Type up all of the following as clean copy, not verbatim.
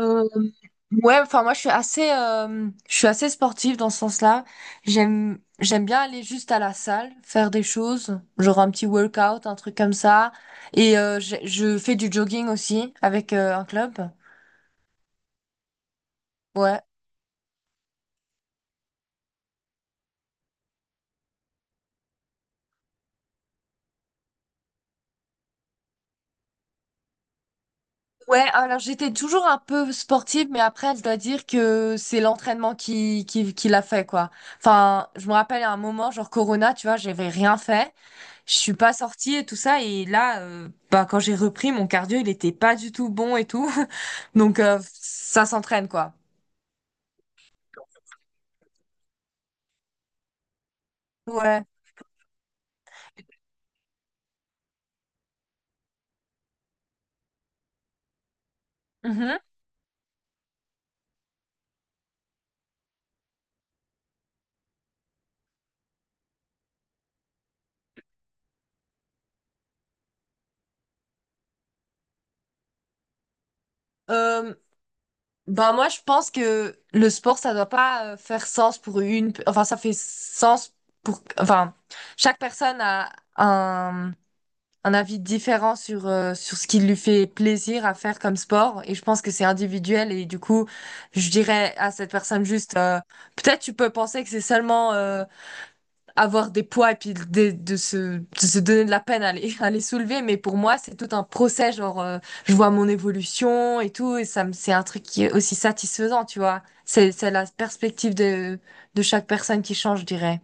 Euh, ouais, enfin moi je suis assez sportive dans ce sens-là. J'aime bien aller juste à la salle, faire des choses, genre un petit workout, un truc comme ça. Je fais du jogging aussi avec un club. Ouais. Ouais, alors j'étais toujours un peu sportive, mais après je dois dire que c'est l'entraînement qui l'a fait, quoi. Enfin, je me rappelle à un moment, genre Corona, tu vois, j'avais rien fait. Je suis pas sortie et tout ça, et là bah quand j'ai repris mon cardio il était pas du tout bon et tout. Donc ça s'entraîne, quoi. Ouais. Mhm. Euh, Bah moi je pense que le sport ça doit pas faire sens pour une, enfin ça fait sens pour, enfin, chaque personne a un un avis différent sur, sur ce qui lui fait plaisir à faire comme sport, et je pense que c'est individuel. Et du coup je dirais à cette personne juste, peut-être tu peux penser que c'est seulement, avoir des poids et puis de se donner de la peine à les, à les soulever. Mais pour moi, c'est tout un procès, genre, je vois mon évolution et tout, et c'est un truc qui est aussi satisfaisant, tu vois. C'est la perspective de chaque personne qui change, je dirais.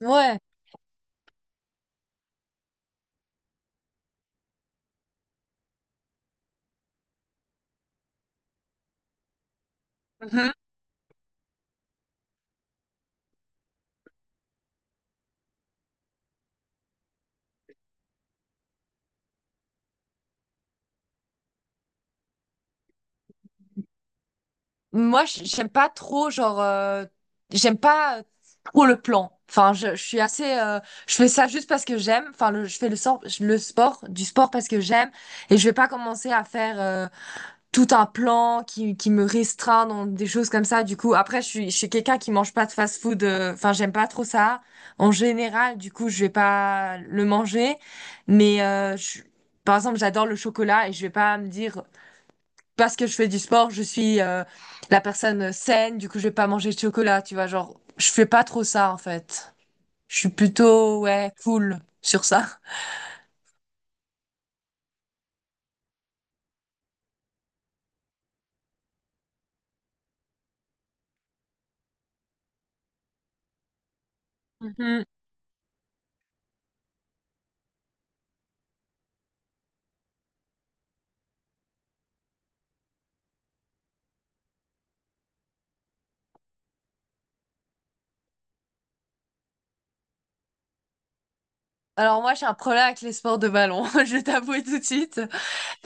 Ouais. Mhm. Moi, j'aime pas trop, genre, j'aime pas trop le plan. Enfin, je suis je fais ça juste parce que j'aime. Enfin, je fais le, sor- le sport, du sport parce que j'aime. Et je vais pas commencer à faire tout un plan qui me restreint dans des choses comme ça. Du coup, après, je suis quelqu'un qui mange pas de fast-food. Enfin, j'aime pas trop ça. En général, du coup, je vais pas le manger. Mais euh, je- Par exemple, j'adore le chocolat et je vais pas me dire, parce que je fais du sport, je suis la personne saine. Du coup, je vais pas manger de chocolat. Tu vois, genre, je fais pas trop ça en fait. Je suis plutôt, ouais, cool sur ça. Mhm. Alors moi, j'ai un problème avec les sports de ballon. Je vais t'avouer tout de suite.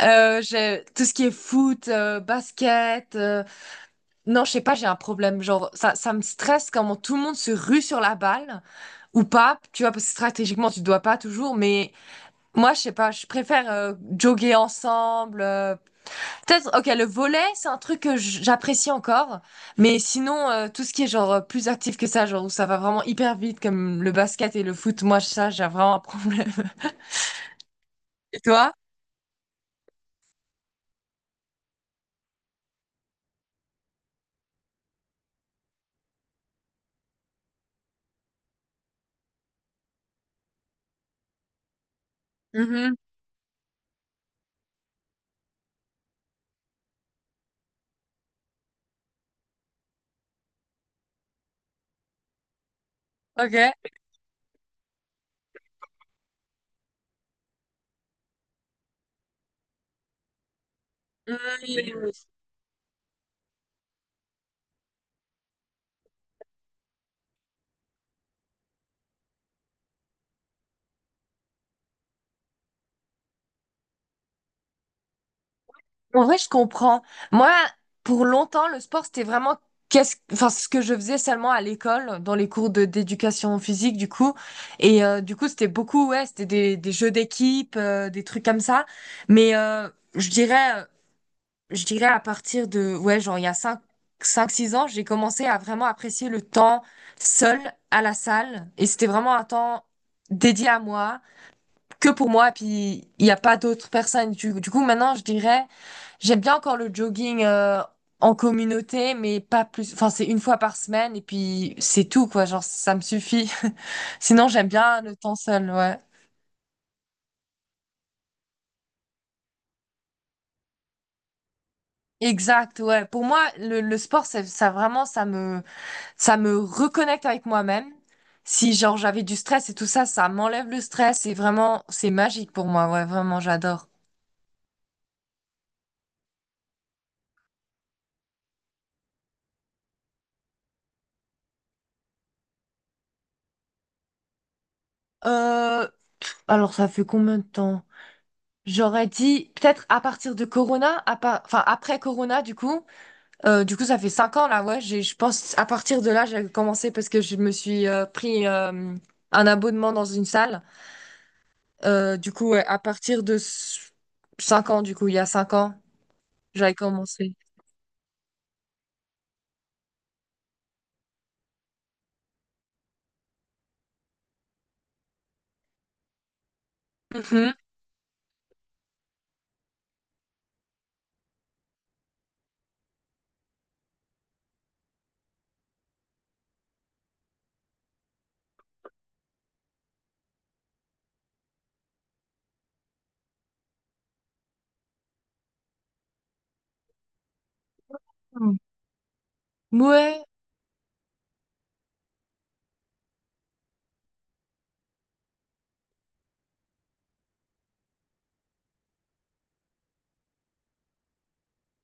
J'ai tout ce qui est foot, basket. Non, je sais pas, j'ai un problème. Genre, ça me stresse comment tout le monde se rue sur la balle, ou pas. Tu vois, parce que stratégiquement, tu dois pas toujours. Mais moi, je sais pas, je préfère jogger ensemble. Peut-être, ok, le volley, c'est un truc que j'apprécie encore. Mais sinon, tout ce qui est genre plus actif que ça, genre où ça va vraiment hyper vite, comme le basket et le foot, moi, ça, j'ai vraiment un problème. Et toi? Mhm. Ok. Mhm. En vrai, je comprends. Moi, pour longtemps, le sport, c'était vraiment, enfin, ce que je faisais seulement à l'école, dans les cours de d'éducation physique, du coup. Du coup, c'était beaucoup, ouais, c'était des jeux d'équipe, des trucs comme ça. Mais euh, je dirais, je dirais à partir de, ouais, genre, il y a 5, 6 ans, j'ai commencé à vraiment apprécier le temps seul à la salle. Et c'était vraiment un temps dédié à moi, que pour moi, puis il n'y a pas d'autres personnes. Du coup, maintenant, je dirais, j'aime bien encore le jogging en communauté, mais pas plus. Enfin, c'est une fois par semaine, et puis c'est tout, quoi. Genre, ça me suffit. Sinon, j'aime bien le temps seul, ouais. Exact, ouais. Pour moi, le sport, ça vraiment, ça me reconnecte avec moi-même. Si, genre, j'avais du stress et tout ça, ça m'enlève le stress. Et vraiment, c'est magique pour moi, ouais, vraiment, j'adore. Euh, alors, ça fait combien de temps? J'aurais dit peut-être à partir de Corona, enfin après Corona du coup. Du coup ça fait 5 ans là, ouais, je pense à partir de là j'ai commencé parce que je me suis pris un abonnement dans une salle. Du coup ouais, à partir de 5 ans du coup, il y a 5 ans, j'avais commencé. Mhm. Ouais,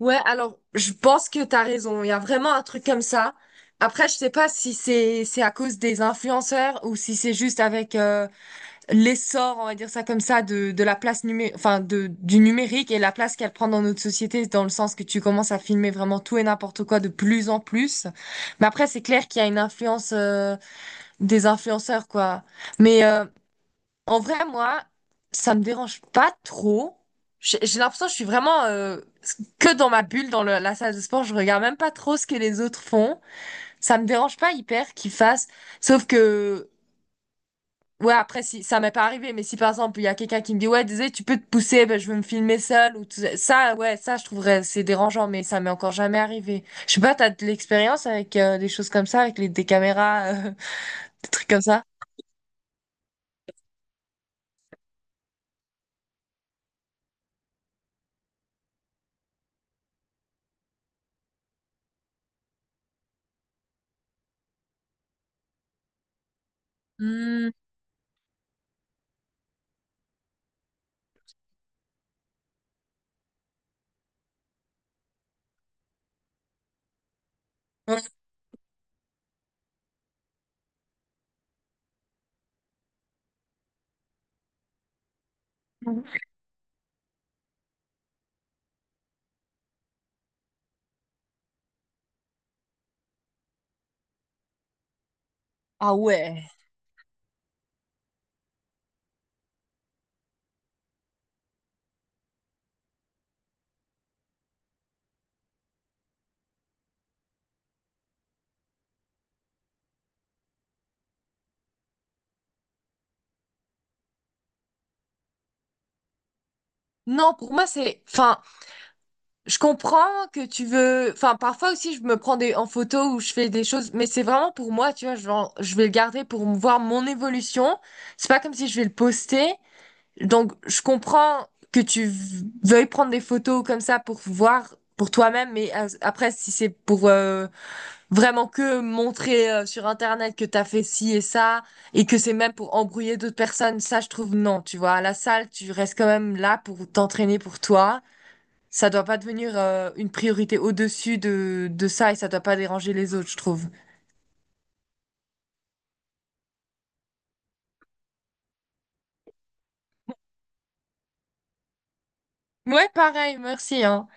ouais, alors je pense que t'as raison, il y a vraiment un truc comme ça. Après, je sais pas si c'est à cause des influenceurs ou si c'est juste avec l'essor, on va dire ça comme ça, de la place enfin du numérique et la place qu'elle prend dans notre société, dans le sens que tu commences à filmer vraiment tout et n'importe quoi de plus en plus. Mais après, c'est clair qu'il y a une influence des influenceurs, quoi. Mais euh, En vrai, moi, ça me dérange pas trop. J'ai l'impression que je suis vraiment, que dans ma bulle, dans la salle de sport. Je regarde même pas trop ce que les autres font. Ça me dérange pas hyper qu'ils fassent. Sauf que. Ouais, après, si ça m'est pas arrivé, mais si par exemple, il y a quelqu'un qui me dit, ouais, désolé, tu peux te pousser, ben, je veux me filmer seul ou tout ça. Ça, je trouverais, c'est dérangeant, mais ça m'est encore jamais arrivé. Je sais pas, t'as de l'expérience avec des choses comme ça, avec des caméras, des trucs comme ça? Hmm, ouais. Ah ouais. Non, pour moi, c'est, enfin, je comprends que tu veux, enfin, parfois aussi, je me prends en photo ou je fais des choses, mais c'est vraiment pour moi, tu vois, genre, je vais le garder pour voir mon évolution. C'est pas comme si je vais le poster. Donc, je comprends que veuilles prendre des photos comme ça pour voir pour toi-même. Mais après, si c'est pour, vraiment que montrer sur Internet que t'as fait ci et ça, et que c'est même pour embrouiller d'autres personnes, ça, je trouve non. Tu vois, à la salle, tu restes quand même là pour t'entraîner pour toi. Ça doit pas devenir une priorité au-dessus de ça, et ça doit pas déranger les autres, je trouve. Ouais, pareil, merci, hein.